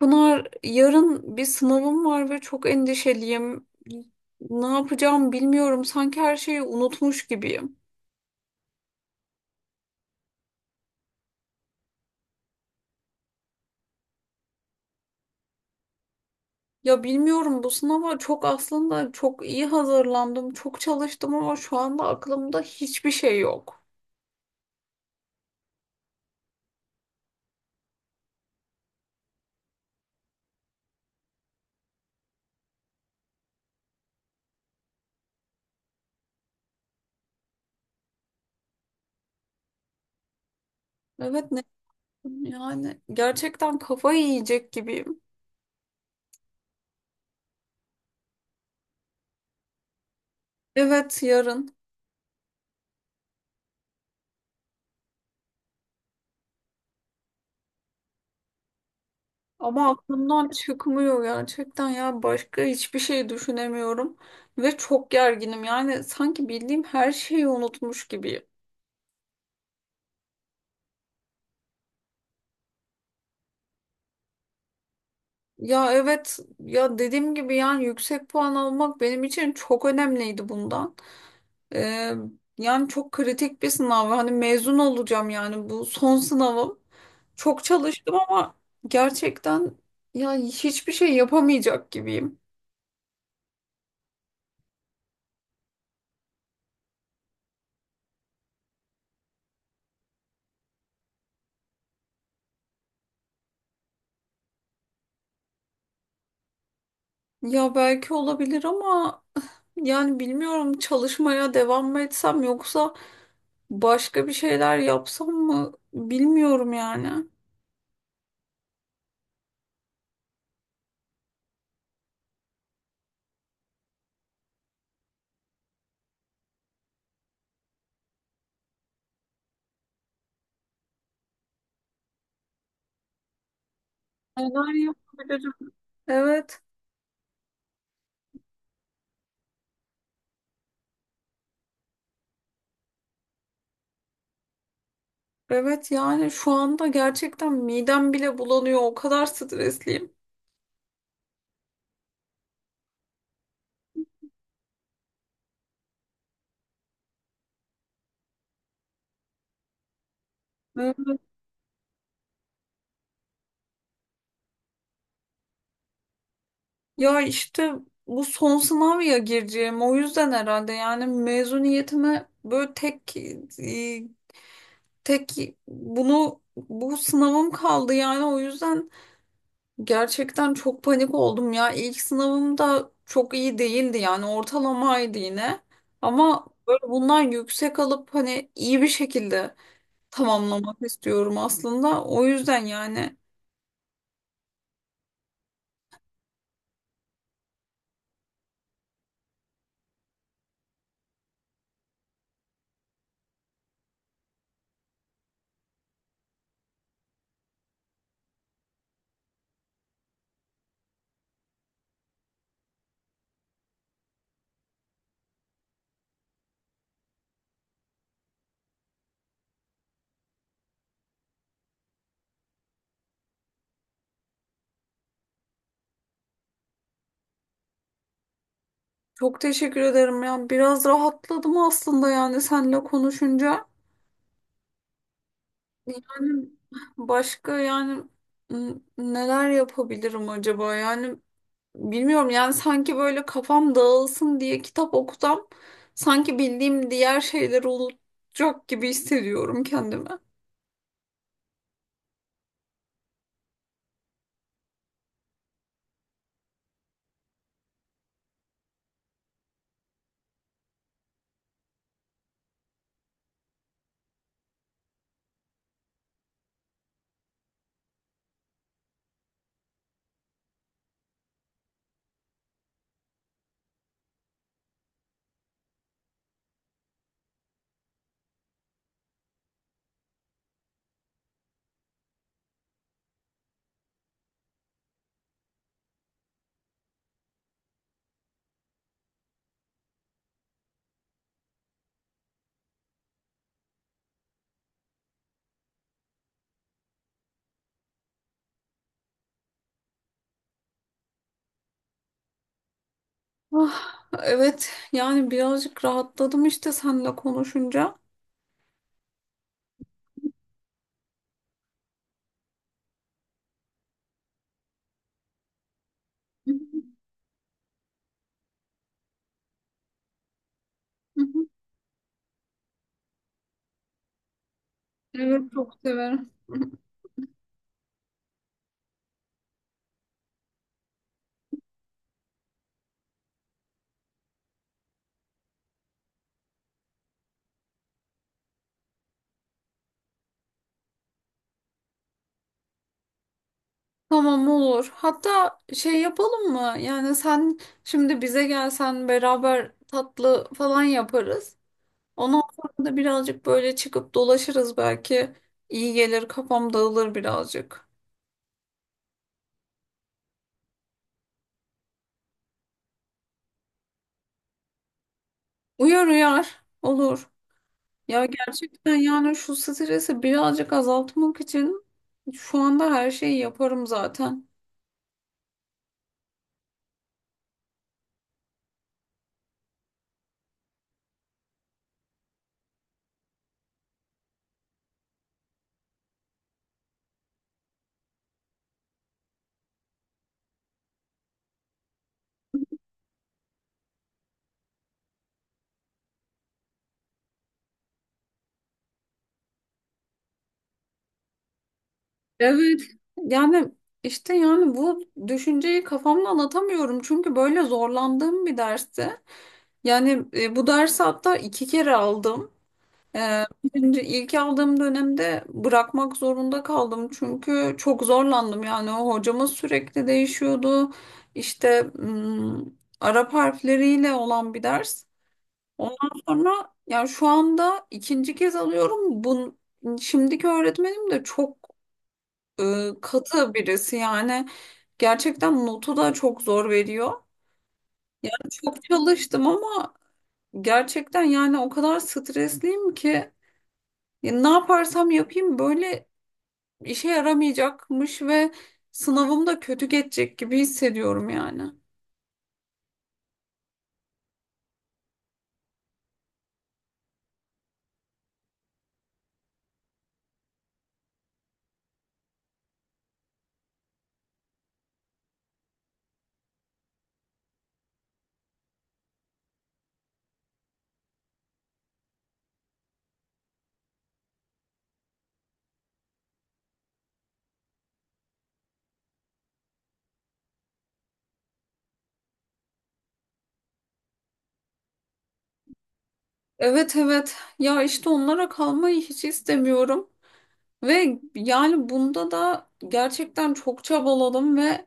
Pınar, yarın bir sınavım var ve çok endişeliyim. Ne yapacağım bilmiyorum. Sanki her şeyi unutmuş gibiyim. Ya bilmiyorum, bu sınava aslında çok iyi hazırlandım, çok çalıştım ama şu anda aklımda hiçbir şey yok. Evet ne, yani gerçekten kafayı yiyecek gibiyim. Evet yarın, ama aklımdan çıkmıyor, gerçekten ya başka hiçbir şey düşünemiyorum ve çok gerginim. Yani sanki bildiğim her şeyi unutmuş gibiyim. Ya evet, ya dediğim gibi yani yüksek puan almak benim için çok önemliydi bundan. Ee, Yani çok kritik bir sınav. Hani mezun olacağım, yani bu son sınavım. Çok çalıştım ama gerçekten ya hiçbir şey yapamayacak gibiyim. Ya belki olabilir ama yani bilmiyorum, çalışmaya devam mı etsem yoksa başka bir şeyler yapsam mı bilmiyorum yani. Neler yapabilirim? Evet. Evet yani şu anda gerçekten midem bile bulanıyor. O kadar stresliyim. Hı. Ya işte bu son sınav ya gireceğim. O yüzden herhalde yani mezuniyetime böyle tek e, tek bunu, bu sınavım kaldı yani. O yüzden gerçekten çok panik oldum ya. İlk sınavım da çok iyi değildi, yani ortalamaydı yine. Ama böyle bundan yüksek alıp hani iyi bir şekilde tamamlamak istiyorum aslında. O yüzden yani çok teşekkür ederim ya. Biraz rahatladım aslında yani seninle konuşunca. Yani başka yani neler yapabilirim acaba? Yani bilmiyorum yani, sanki böyle kafam dağılsın diye kitap okusam sanki bildiğim diğer şeyleri unutacak gibi hissediyorum kendimi. Ah, evet yani birazcık rahatladım işte seninle konuşunca. Hı hı. Evet çok severim. Tamam, olur. Hatta şey yapalım mı? Yani sen şimdi bize gelsen beraber tatlı falan yaparız. Ondan sonra da birazcık böyle çıkıp dolaşırız belki. İyi gelir, kafam dağılır birazcık. Uyar uyar. Olur. Ya gerçekten yani şu stresi birazcık azaltmak için şu anda her şeyi yaparım zaten. Evet. Yani işte yani bu düşünceyi kafamda anlatamıyorum. Çünkü böyle zorlandığım bir dersti. Yani bu dersi hatta iki kere aldım. E, ilk aldığım dönemde bırakmak zorunda kaldım. Çünkü çok zorlandım. Yani o hocamız sürekli değişiyordu. İşte Arap harfleriyle olan bir ders. Ondan sonra yani şu anda ikinci kez alıyorum. Şimdiki öğretmenim de çok katı birisi. Yani gerçekten notu da çok zor veriyor. Çok çalıştım ama gerçekten yani o kadar stresliyim ki ya ne yaparsam yapayım böyle işe yaramayacakmış ve sınavım da kötü geçecek gibi hissediyorum yani. Evet evet ya işte onlara kalmayı hiç istemiyorum ve yani bunda da gerçekten çok çabaladım ve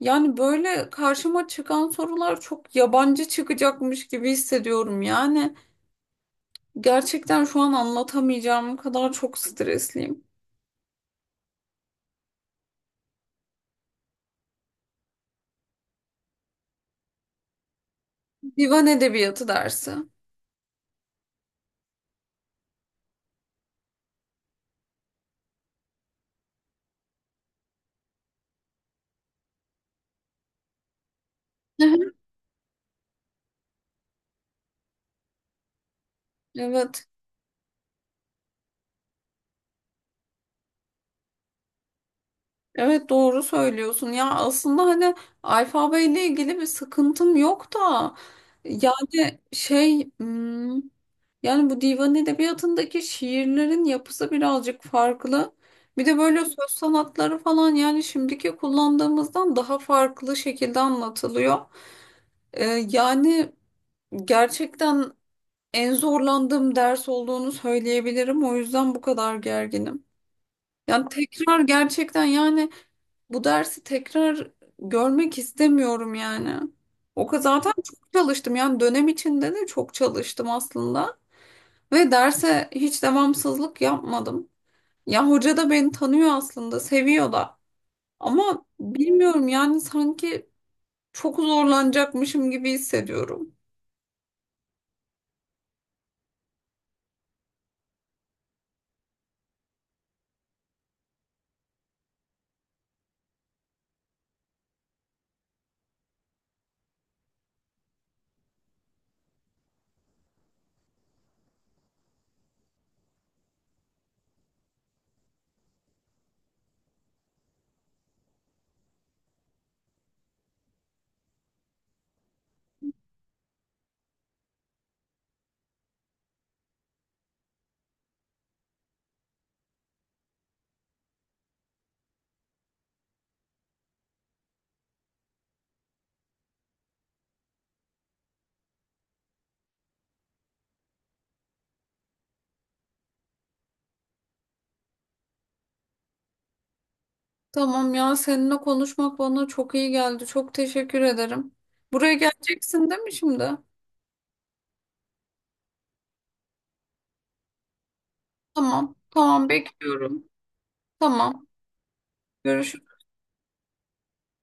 yani böyle karşıma çıkan sorular çok yabancı çıkacakmış gibi hissediyorum. Yani gerçekten şu an anlatamayacağım kadar çok stresliyim. Divan edebiyatı dersi. Hı hı. Evet. Evet doğru söylüyorsun. Ya aslında hani alfabeyle ilgili bir sıkıntım yok da yani şey, yani bu divan edebiyatındaki şiirlerin yapısı birazcık farklı. Bir de böyle söz sanatları falan, yani şimdiki kullandığımızdan daha farklı şekilde anlatılıyor. Yani gerçekten en zorlandığım ders olduğunu söyleyebilirim. O yüzden bu kadar gerginim. Yani tekrar gerçekten yani bu dersi tekrar görmek istemiyorum yani. O kadar zaten çok çalıştım. Yani dönem içinde de çok çalıştım aslında. Ve derse hiç devamsızlık yapmadım. Ya hoca da beni tanıyor aslında, seviyor da. Ama bilmiyorum yani sanki çok zorlanacakmışım gibi hissediyorum. Tamam ya, seninle konuşmak bana çok iyi geldi. Çok teşekkür ederim. Buraya geleceksin değil mi şimdi? Tamam, tamam bekliyorum. Tamam, görüşürüz.